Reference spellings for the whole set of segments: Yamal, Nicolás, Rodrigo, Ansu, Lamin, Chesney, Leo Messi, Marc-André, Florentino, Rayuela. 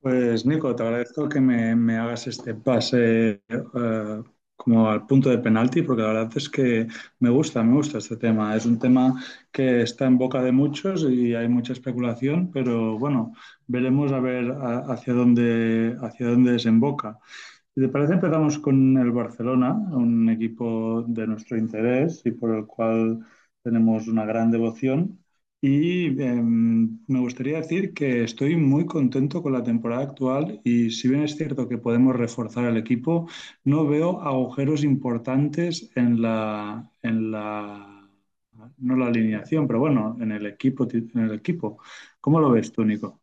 Pues Nico, te agradezco que me hagas este pase como al punto de penalti, porque la verdad es que me gusta este tema. Es un tema que está en boca de muchos y hay mucha especulación, pero bueno, veremos a ver hacia hacia dónde desemboca. Si te parece, empezamos con el Barcelona, un equipo de nuestro interés y por el cual tenemos una gran devoción. Me gustaría decir que estoy muy contento con la temporada actual y si bien es cierto que podemos reforzar el equipo, no veo agujeros importantes en en la no la alineación, pero bueno, en el equipo, en el equipo. ¿Cómo lo ves tú, Nico?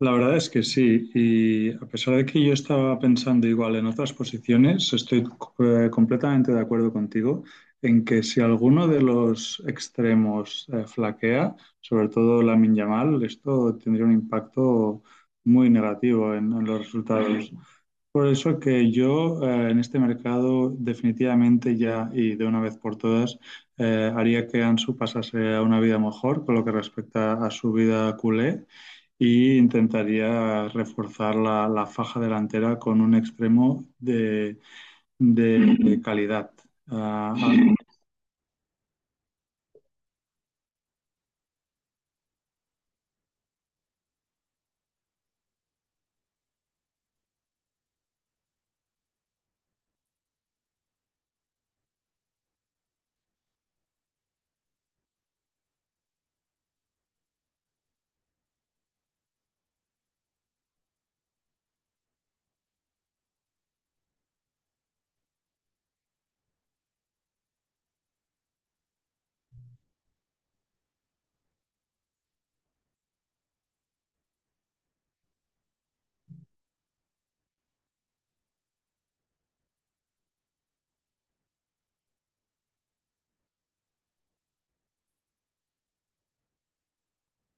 La verdad es que sí, y a pesar de que yo estaba pensando igual en otras posiciones, estoy completamente de acuerdo contigo en que si alguno de los extremos flaquea, sobre todo la Yamal, esto tendría un impacto muy negativo en los resultados. Por eso que yo en este mercado definitivamente ya y de una vez por todas haría que Ansu pasase a una vida mejor con lo que respecta a su vida culé y intentaría reforzar la faja delantera con un extremo de calidad. Ah, ah,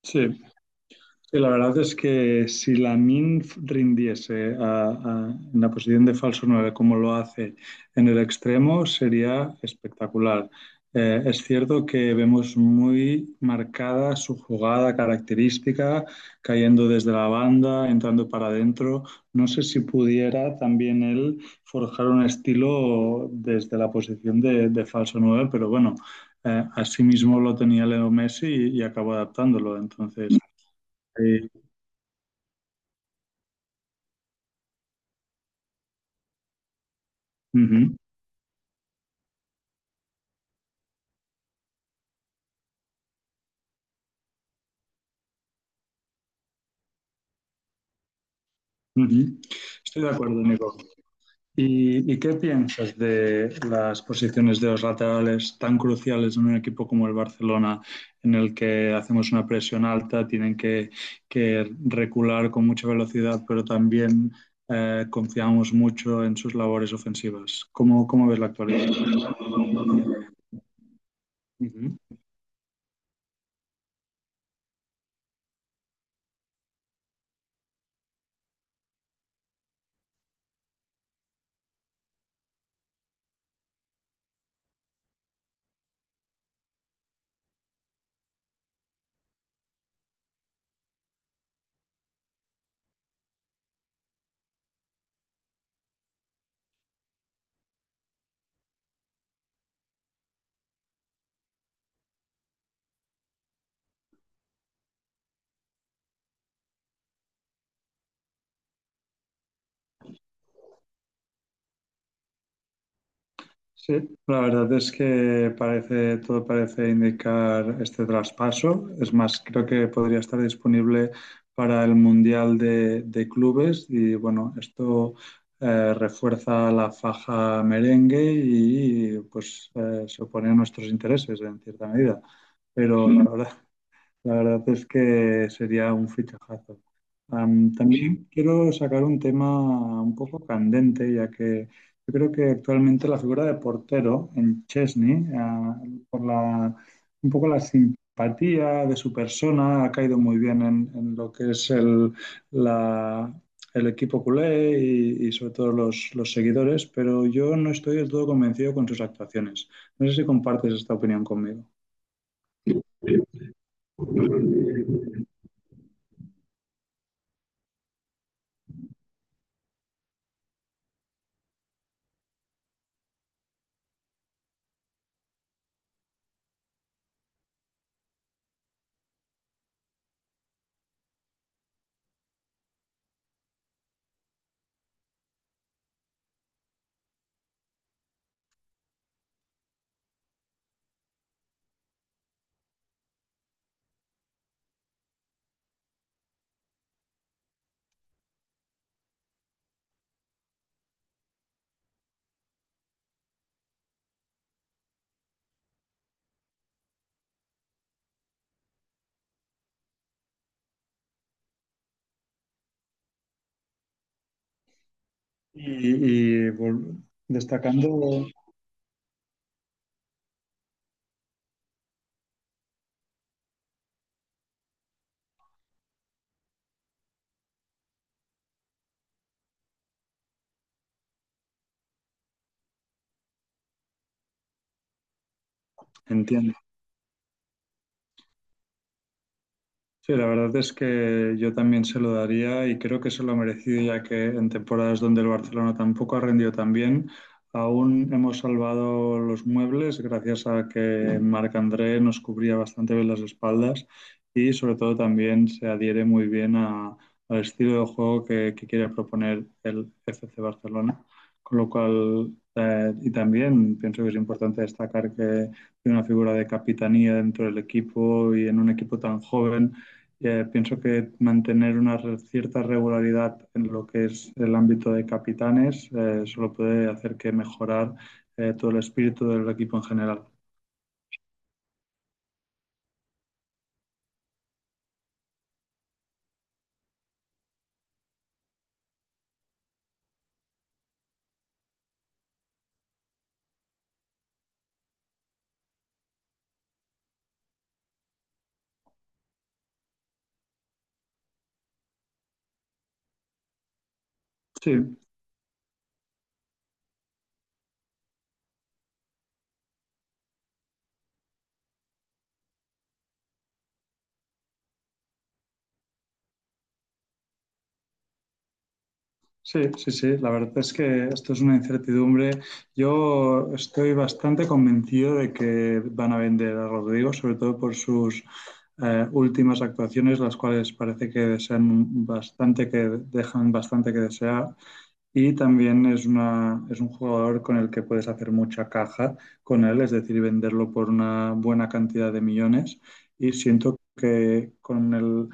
sí, sí, la verdad es que si Lamin rindiese en la posición de falso 9 como lo hace en el extremo, sería espectacular. Es cierto que vemos muy marcada su jugada característica, cayendo desde la banda, entrando para adentro. No sé si pudiera también él forjar un estilo desde la posición de falso 9, pero bueno, así mismo lo tenía Leo Messi y acabó adaptándolo. Entonces. Ujú, ujú. Estoy de acuerdo, Nico. Y qué piensas de las posiciones de los laterales tan cruciales en un equipo como el Barcelona, en el que hacemos una presión alta, tienen que recular con mucha velocidad, pero también confiamos mucho en sus labores ofensivas? ¿Cómo, cómo ves la actualidad? Ujú. Sí, la verdad es que parece, todo parece indicar este traspaso. Es más, creo que podría estar disponible para el Mundial de Clubes y bueno, esto refuerza la faja merengue y, pues se opone a nuestros intereses en cierta medida. Pero la verdad es que sería un fichajazo. Am, también quiero sacar un tema un poco candente, ya que yo creo que actualmente la figura de portero en Chesney, ah, por un poco la simpatía de su persona, ha caído muy bien en lo que es la- el equipo culé y sobre todo los seguidores, pero yo no estoy del todo convencido con sus actuaciones. No sé si compartes esta opinión conmigo. y, y vol- destacando, entiendo, sí, la verdad es que yo también se lo daría y creo que se lo ha merecido ya que en temporadas donde el Barcelona tampoco ha rendido tan bien, aún hemos salvado los muebles gracias a que Marc-André nos cubría bastante bien las espaldas y sobre todo también se adhiere muy bien al estilo de juego que quiere proponer el FC Barcelona. Con lo cual, y también pienso que es importante destacar que tiene una figura de capitanía dentro del equipo y en un equipo tan joven pienso que mantener una cierta regularidad en lo que es el ámbito de capitanes solo puede hacer que mejorar todo el espíritu del equipo en general. Sí, sí. La verdad es que esto es una incertidumbre. Yo estoy bastante convencido de que van a vender a Rodrigo, sobre todo por sus últimas actuaciones, las cuales parece que desean bastante, que dejan bastante que desear. Y también es es un jugador con el que puedes hacer mucha caja con él, es decir, venderlo por una buena cantidad de millones. Y siento que con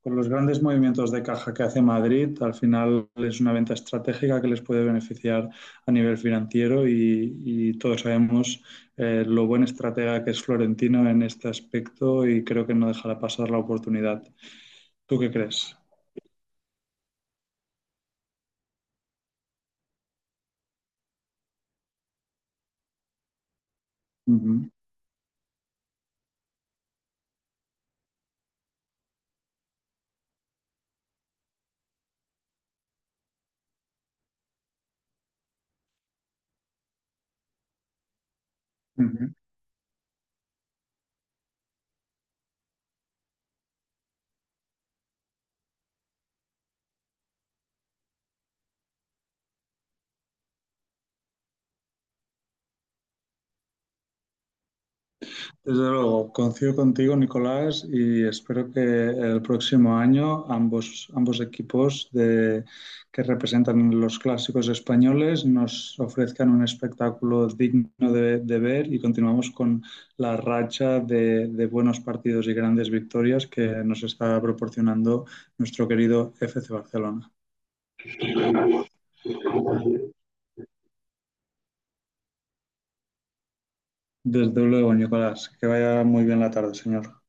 con los grandes movimientos de caja que hace Madrid, al final es una venta estratégica que les puede beneficiar a nivel financiero y todos sabemos lo buen estratega que es Florentino en este aspecto y creo que no dejará pasar la oportunidad. ¿Tú qué crees? Ujú, ujú. Desde luego, coincido contigo, Nicolás, y espero que el próximo año ambos, ambos equipos que representan los clásicos españoles nos ofrezcan un espectáculo digno de ver y continuamos con la racha de buenos partidos y grandes victorias que nos está proporcionando nuestro querido FC Barcelona. Desde luego, Nicolás, que vaya muy bien la tarde, señor.